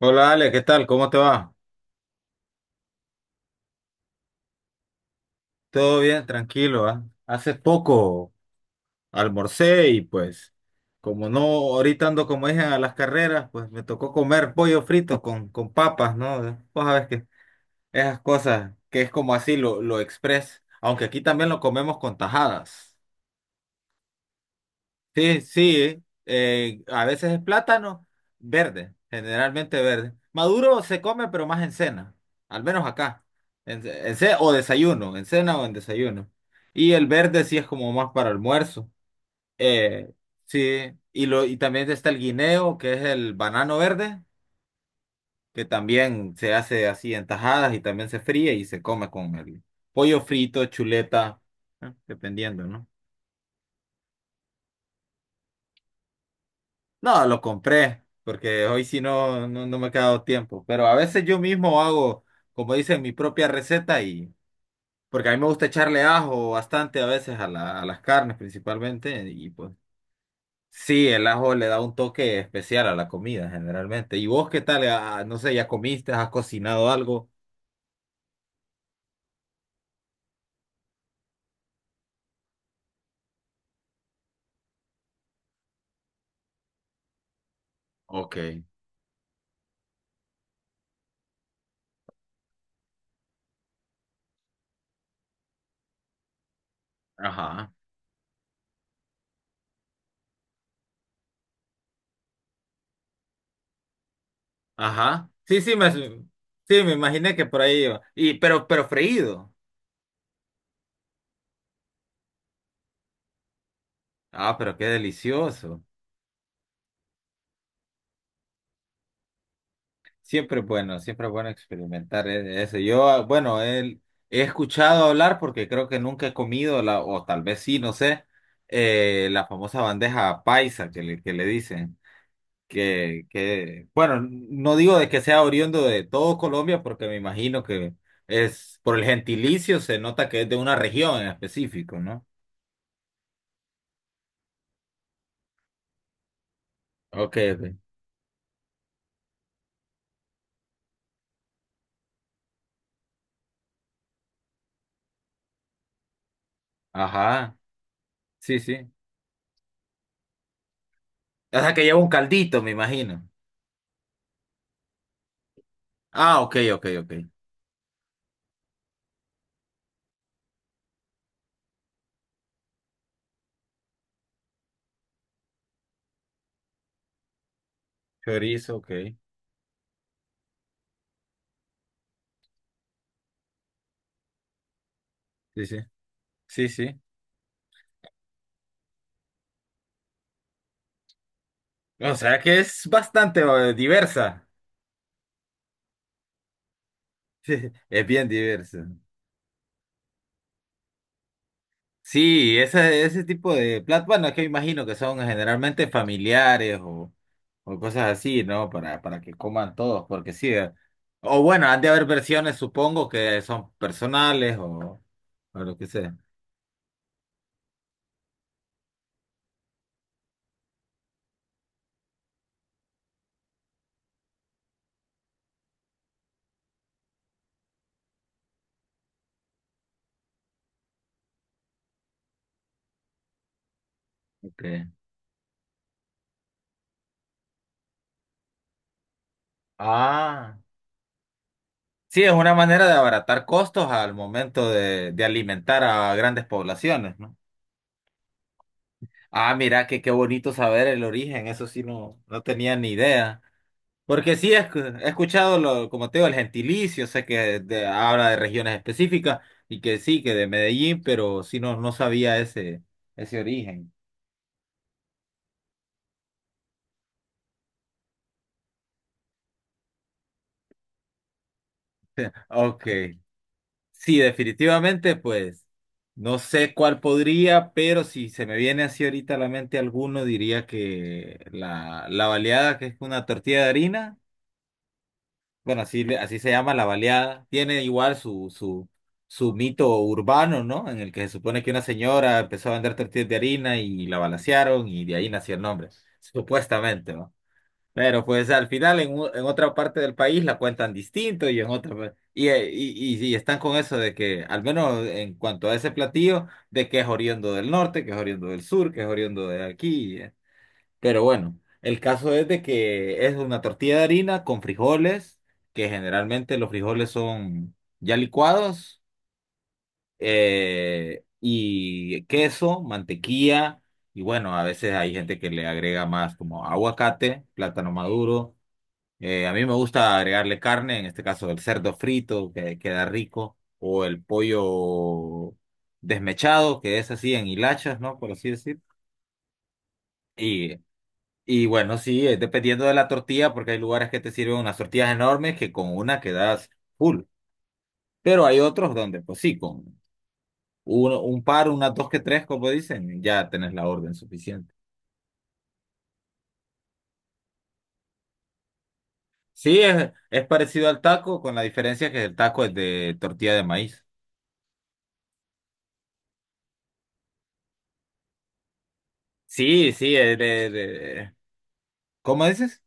Hola Ale, ¿qué tal? ¿Cómo te va? Todo bien, tranquilo, Hace poco almorcé y pues como no, ahorita ando como dije a las carreras, pues me tocó comer pollo frito con papas, ¿no? Vos sabés que esas cosas que es como así lo express, aunque aquí también lo comemos con tajadas. Sí, sí, a veces es plátano verde, generalmente verde. Maduro se come, pero más en cena, al menos acá. O desayuno, en cena o en desayuno. Y el verde sí es como más para almuerzo. Eh, sí, y también está el guineo, que es el banano verde, que también se hace así en tajadas y también se fríe y se come con el pollo frito, chuleta, dependiendo, ¿no? No, lo compré, porque hoy sí no me ha quedado tiempo. Pero a veces yo mismo hago, como dicen, mi propia receta y porque a mí me gusta echarle ajo bastante a veces a a las carnes principalmente. Y pues sí, el ajo le da un toque especial a la comida generalmente. ¿Y vos qué tal? Ah, no sé, ¿ya comiste? ¿Has cocinado algo? Ok, ajá. Ajá. Sí, sí, sí, me imaginé que por ahí iba. Y, pero freído. Ah, pero qué delicioso. Siempre es bueno experimentar eso. Yo, ah, bueno, él, He escuchado hablar porque creo que nunca he comido, la, o tal vez sí, no sé, la famosa bandeja paisa que le dicen. Bueno, no digo de que sea oriundo de todo Colombia porque me imagino que es por el gentilicio, se nota que es de una región en específico, ¿no? Ok, ok. Ajá, sí, sí. O sea que lleva un caldito, me imagino. Ah, ok, ok, ok. Chorizo, ok. Sí, sí. Sí, sí. O sea que es bastante diversa. Sí, es bien diversa. Sí, ese tipo de platos, bueno, es que imagino que son generalmente familiares o cosas así, ¿no? Para que coman todos, porque sí. O bueno, han de haber versiones, supongo, que son personales o lo que sea. Okay. Ah, sí, es una manera de abaratar costos al momento de alimentar a grandes poblaciones, ¿no? Ah, mira, que qué bonito saber el origen, eso sí no, no tenía ni idea. Porque sí, he escuchado, lo, como te digo, el gentilicio, sé que habla de regiones específicas y que sí, que de Medellín, pero sí no, no sabía ese origen. Ok, sí, definitivamente, pues no sé cuál podría, pero si se me viene así ahorita a la mente alguno, diría que la baleada, que es una tortilla de harina. Bueno, así, así se llama la baleada. Tiene igual su mito urbano, ¿no? En el que se supone que una señora empezó a vender tortillas de harina y la balacearon y de ahí nació el nombre, supuestamente, ¿no? Pero pues al final en otra parte del país la cuentan distinto y en otra... y están con eso de que, al menos en cuanto a ese platillo, de que es oriundo del norte, que es oriundo del sur, que es oriundo de aquí. Pero bueno, el caso es de que es una tortilla de harina con frijoles, que generalmente los frijoles son ya licuados, y queso, mantequilla, y bueno, a veces hay gente que le agrega más como aguacate, plátano maduro. A mí me gusta agregarle carne, en este caso el cerdo frito, que queda rico, o el pollo desmechado, que es así en hilachas, ¿no? Por así decir. Y y bueno, sí, dependiendo de la tortilla, porque hay lugares que te sirven unas tortillas enormes que con una quedas full. Pero hay otros donde, pues sí, con uno, un par, unas dos que tres, como dicen, ya tenés la orden suficiente. Sí, es parecido al taco, con la diferencia que el taco es de tortilla de maíz. Sí, sí, ¿cómo dices?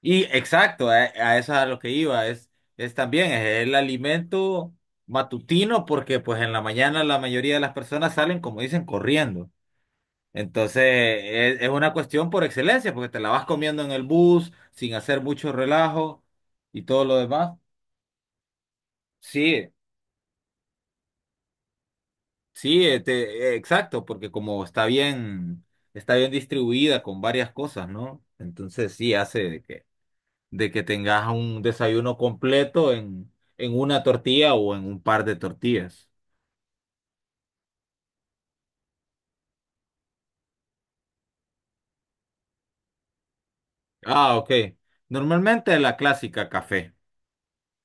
Y exacto, a eso es a lo que iba, es también es el alimento matutino, porque pues en la mañana la mayoría de las personas salen, como dicen, corriendo. Entonces, es una cuestión por excelencia, porque te la vas comiendo en el bus, sin hacer mucho relajo y todo lo demás. Sí, sí, exacto, porque como está bien distribuida con varias cosas, ¿no? Entonces sí hace de que tengas un desayuno completo en una tortilla o en un par de tortillas. Ah, ok. Normalmente la clásica café.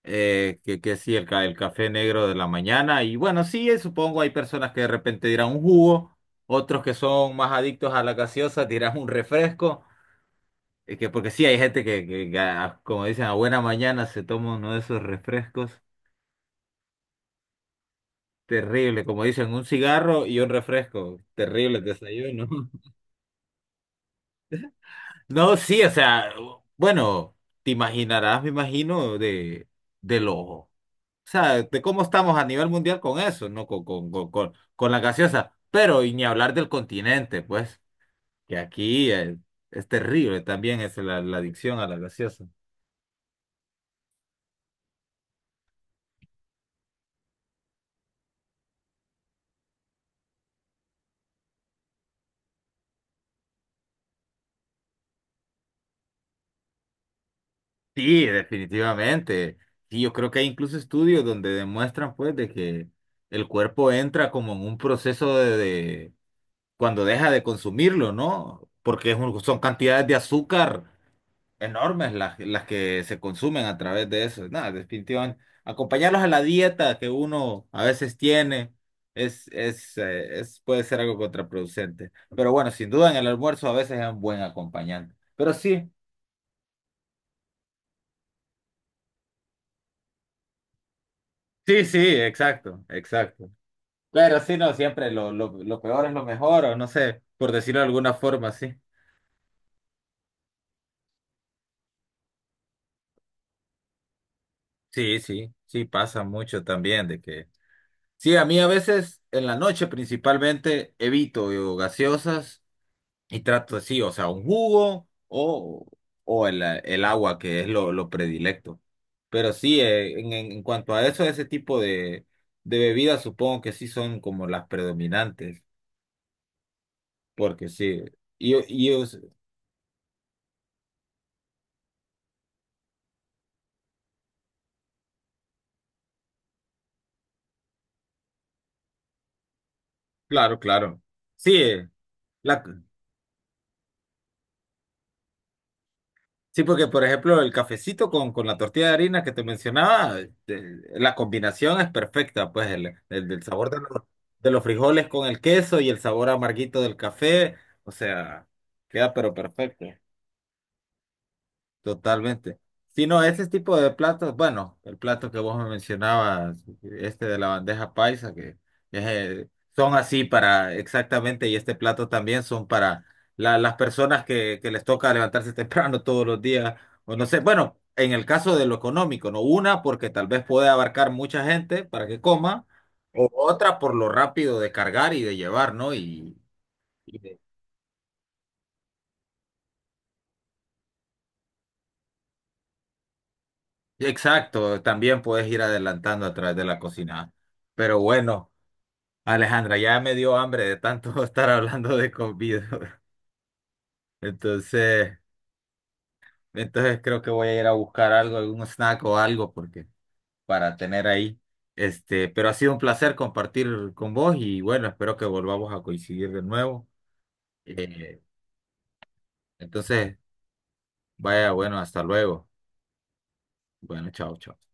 Que sí, el café negro de la mañana. Y bueno, sí, supongo hay personas que de repente dirán un jugo, otros que son más adictos a la gaseosa dirán un refresco. Es que, porque sí, hay gente que, que como dicen, a buena mañana se toma uno de esos refrescos. Terrible, como dicen, un cigarro y un refresco. Terrible el desayuno. No, sí, o sea, bueno, te imaginarás, me imagino, de los o sea, de cómo estamos a nivel mundial con eso, ¿no? Con la gaseosa. Pero, y ni hablar del continente, pues, que aquí terrible también es la adicción a la gaseosa. Sí, definitivamente. Sí, yo creo que hay incluso estudios donde demuestran, pues, de que el cuerpo entra como en un proceso cuando deja de consumirlo, ¿no? Porque son cantidades de azúcar enormes las que se consumen a través de eso. Nada, definitivamente. Acompañarlos a la dieta que uno a veces tiene es, puede ser algo contraproducente. Pero bueno, sin duda en el almuerzo a veces es un buen acompañante. Pero sí, sí, sí, exacto, exacto. Pero sí, no, siempre lo peor es lo mejor, o no sé, por decirlo de alguna forma, sí. Sí, sí, sí, pasa mucho también de que... Sí, a mí a veces en la noche principalmente evito yo, gaseosas. Y trato así, o sea, un jugo o, el agua, que es lo predilecto. Pero sí, en cuanto a eso, ese tipo de bebidas supongo que sí son como las predominantes, porque sí, y, y es- claro, claro. Sí, la, sí, porque por ejemplo el cafecito con la tortilla de harina que te mencionaba, La combinación es perfecta, pues del sabor de los frijoles con el queso y el sabor amarguito del café, o sea, queda pero perfecto. Totalmente. Si no, ese tipo de platos, bueno, el plato que vos me mencionabas, este de la bandeja paisa, que es, son así para exactamente, y este plato también son para las personas que les toca levantarse temprano todos los días, o no sé, bueno, en el caso de lo económico, ¿no? Una, porque tal vez puede abarcar mucha gente para que coma, o otra por lo rápido de cargar y de llevar, ¿no? Y de- exacto, también puedes ir adelantando a través de la cocina. Pero bueno. Alejandra, ya me dio hambre de tanto estar hablando de comida. Entonces, entonces creo que voy a ir a buscar algo, algún snack o algo porque para tener ahí. Este, pero ha sido un placer compartir con vos y bueno, espero que volvamos a coincidir de nuevo. Eh, entonces, vaya, bueno, hasta luego. Bueno, chao, chao.